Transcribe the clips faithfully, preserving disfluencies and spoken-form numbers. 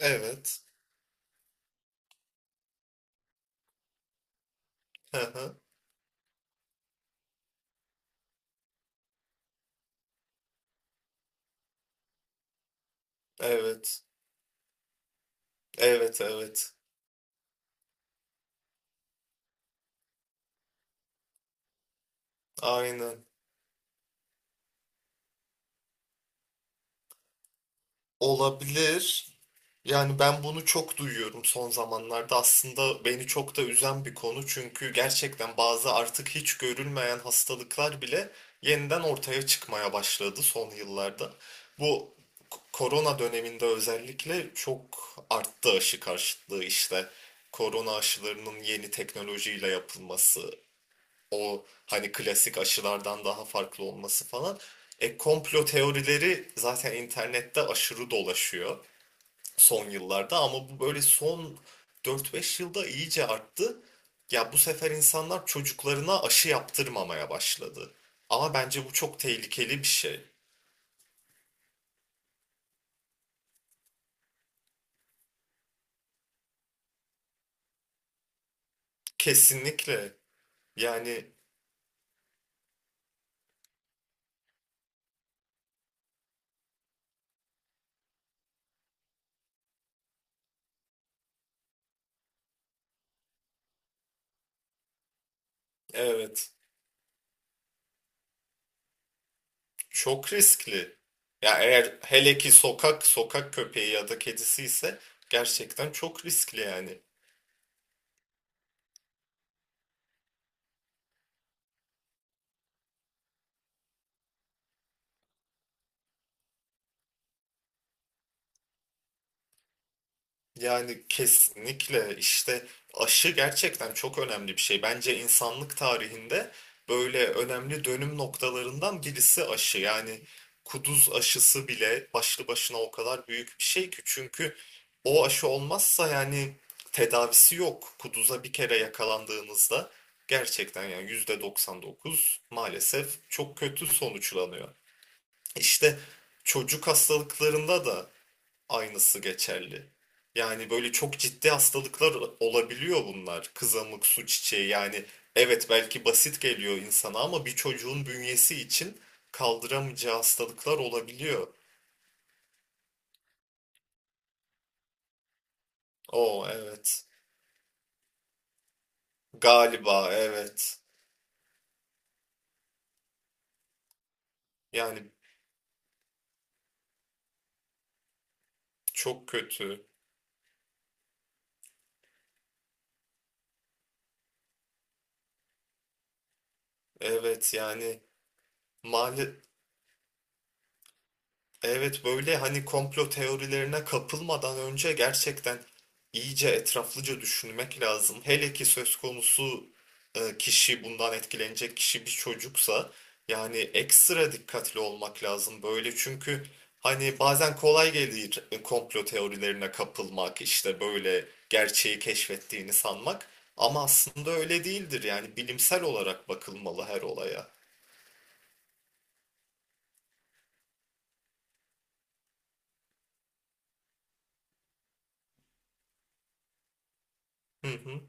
Evet. Hı hı. Evet. Evet, evet. Aynen. Olabilir. Yani ben bunu çok duyuyorum son zamanlarda. Aslında beni çok da üzen bir konu. Çünkü gerçekten bazı artık hiç görülmeyen hastalıklar bile yeniden ortaya çıkmaya başladı son yıllarda. Bu k- korona döneminde özellikle çok arttı aşı karşıtlığı işte. Korona aşılarının yeni teknolojiyle yapılması, o hani klasik aşılardan daha farklı olması falan. E komplo teorileri zaten internette aşırı dolaşıyor son yıllarda ama bu böyle son dört beş yılda iyice arttı. Ya bu sefer insanlar çocuklarına aşı yaptırmamaya başladı. Ama bence bu çok tehlikeli bir şey. Kesinlikle. Yani evet, çok riskli. Ya eğer hele ki sokak sokak köpeği ya da kedisi ise gerçekten çok riskli yani. Yani kesinlikle işte aşı gerçekten çok önemli bir şey. Bence insanlık tarihinde böyle önemli dönüm noktalarından birisi aşı. Yani kuduz aşısı bile başlı başına o kadar büyük bir şey ki çünkü o aşı olmazsa yani tedavisi yok. Kuduza bir kere yakalandığınızda gerçekten yani yüzde doksan dokuz maalesef çok kötü sonuçlanıyor. İşte çocuk hastalıklarında da aynısı geçerli. Yani böyle çok ciddi hastalıklar olabiliyor bunlar. Kızamık, su çiçeği yani evet belki basit geliyor insana ama bir çocuğun bünyesi için kaldıramayacağı hastalıklar olabiliyor. O evet. Galiba evet. Yani çok kötü. Evet yani mali. Evet böyle hani komplo teorilerine kapılmadan önce gerçekten iyice etraflıca düşünmek lazım. Hele ki söz konusu e, kişi bundan etkilenecek kişi bir çocuksa yani ekstra dikkatli olmak lazım böyle çünkü hani bazen kolay gelir e, komplo teorilerine kapılmak işte böyle gerçeği keşfettiğini sanmak ama aslında öyle değildir yani bilimsel olarak bakılmalı her olaya. Hı hı.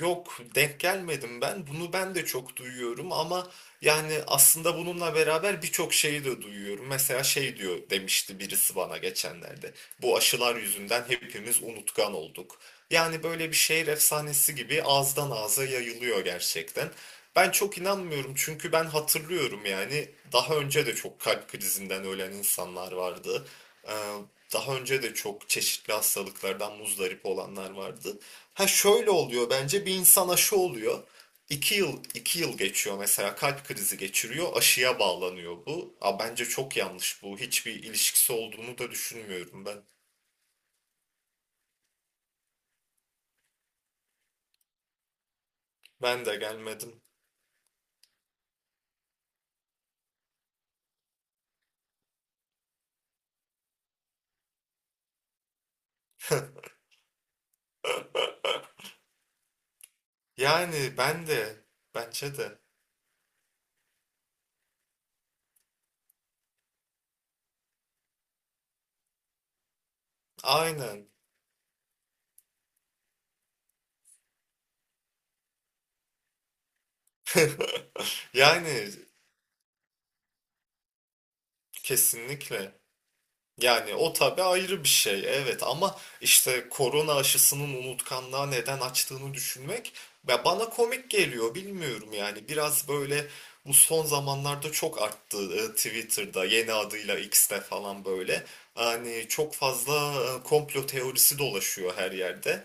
Yok, denk gelmedim ben. Bunu ben de çok duyuyorum ama yani aslında bununla beraber birçok şeyi de duyuyorum. Mesela şey diyor, demişti birisi bana geçenlerde. Bu aşılar yüzünden hepimiz unutkan olduk. Yani böyle bir şehir efsanesi gibi ağızdan ağza yayılıyor gerçekten. Ben çok inanmıyorum çünkü ben hatırlıyorum yani daha önce de çok kalp krizinden ölen insanlar vardı. Ee, Daha önce de çok çeşitli hastalıklardan muzdarip olanlar vardı. Ha şöyle oluyor, bence bir insan aşı oluyor. İki yıl, iki yıl geçiyor mesela, kalp krizi geçiriyor, aşıya bağlanıyor bu. Aa, bence çok yanlış bu. Hiçbir ilişkisi olduğunu da düşünmüyorum ben. Ben de gelmedim. Yani ben de bence de aynen. Yani kesinlikle. Yani o tabii ayrı bir şey, evet, ama işte korona aşısının unutkanlığa neden açtığını düşünmek, ya bana komik geliyor, bilmiyorum yani biraz böyle. Bu son zamanlarda çok arttı e, Twitter'da yeni adıyla X'te falan, böyle hani çok fazla e, komplo teorisi dolaşıyor her yerde.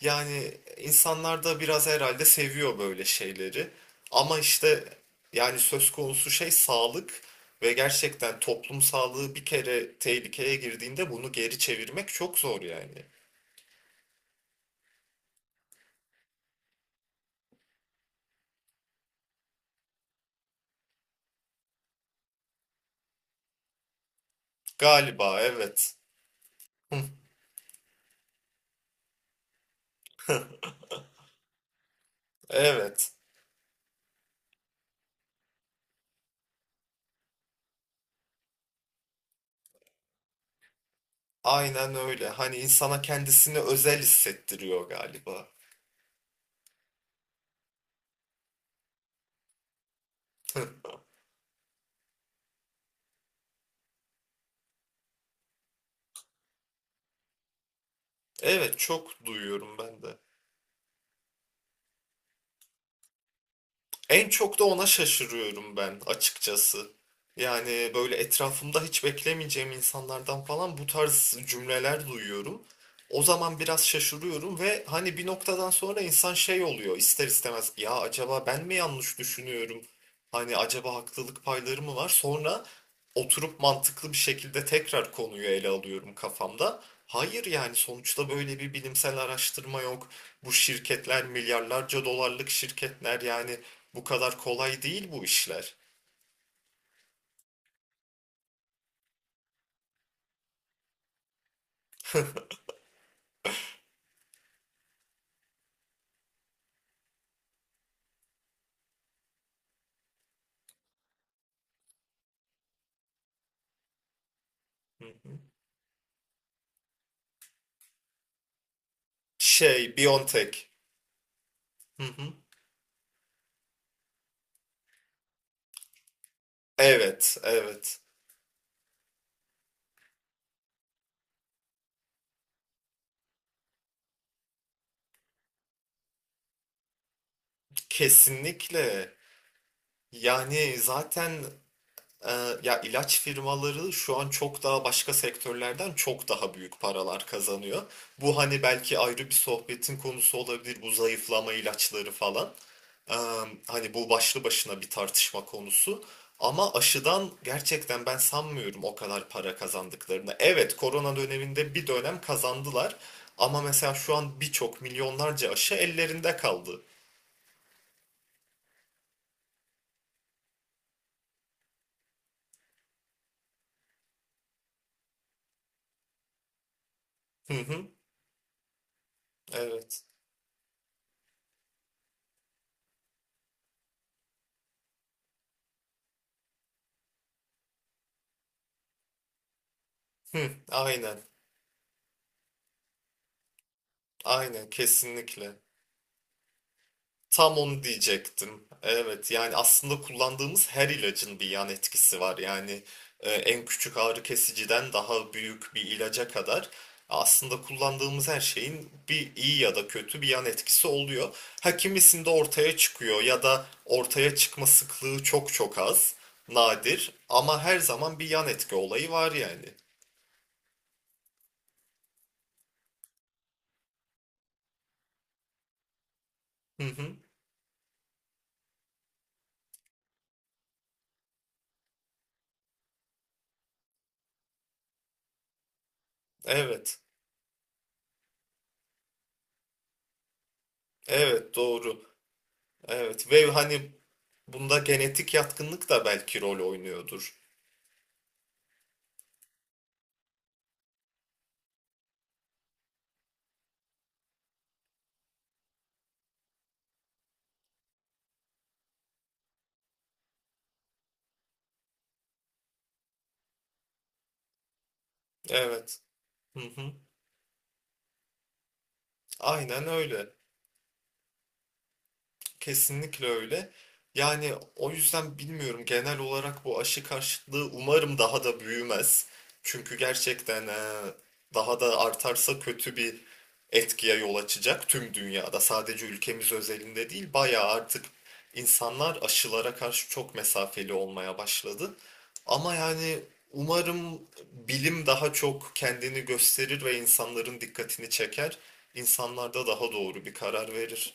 Yani insanlar da biraz herhalde seviyor böyle şeyleri. Ama işte yani söz konusu şey sağlık ve gerçekten toplum sağlığı bir kere tehlikeye girdiğinde bunu geri çevirmek çok zor yani. Galiba evet. Evet. Aynen öyle. Hani insana kendisini özel hissettiriyor galiba. Evet, çok duyuyorum ben de. En çok da ona şaşırıyorum ben açıkçası. Yani böyle etrafımda hiç beklemeyeceğim insanlardan falan bu tarz cümleler duyuyorum. O zaman biraz şaşırıyorum ve hani bir noktadan sonra insan şey oluyor ister istemez, ya acaba ben mi yanlış düşünüyorum? Hani acaba haklılık payları mı var? Sonra oturup mantıklı bir şekilde tekrar konuyu ele alıyorum kafamda. Hayır, yani sonuçta böyle bir bilimsel araştırma yok. Bu şirketler milyarlarca dolarlık şirketler, yani bu kadar kolay değil bu işler. Hı hı. Şey, BioNTech. Hı hı. Evet, evet. Kesinlikle. Yani zaten, e, ya ilaç firmaları şu an çok daha başka sektörlerden çok daha büyük paralar kazanıyor. Bu hani belki ayrı bir sohbetin konusu olabilir, bu zayıflama ilaçları falan. Em, hani bu başlı başına bir tartışma konusu. Ama aşıdan gerçekten ben sanmıyorum o kadar para kazandıklarını. Evet, korona döneminde bir dönem kazandılar. Ama mesela şu an birçok milyonlarca aşı ellerinde kaldı. Hı hı, evet. Hı, aynen, aynen, kesinlikle. Tam onu diyecektim. Evet yani aslında kullandığımız her ilacın bir yan etkisi var. Yani e, en küçük ağrı kesiciden daha büyük bir ilaca kadar aslında kullandığımız her şeyin bir iyi ya da kötü bir yan etkisi oluyor. Ha, kimisinde ortaya çıkıyor ya da ortaya çıkma sıklığı çok çok az, nadir, ama her zaman bir yan etki olayı var yani. Hı hı. Evet. Evet, doğru. Evet, ve hani bunda genetik yatkınlık da belki rol oynuyordur. Evet. Hı hı. Aynen öyle. Kesinlikle öyle. Yani o yüzden bilmiyorum, genel olarak bu aşı karşıtlığı umarım daha da büyümez. Çünkü gerçekten eee, daha da artarsa kötü bir etkiye yol açacak tüm dünyada. Sadece ülkemiz özelinde değil, bayağı artık insanlar aşılara karşı çok mesafeli olmaya başladı. Ama yani umarım bilim daha çok kendini gösterir ve insanların dikkatini çeker. İnsanlar da daha doğru bir karar verir.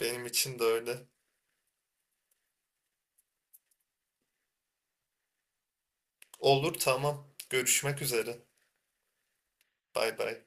Benim için de öyle. Olur, tamam. Görüşmek üzere. Bay bay.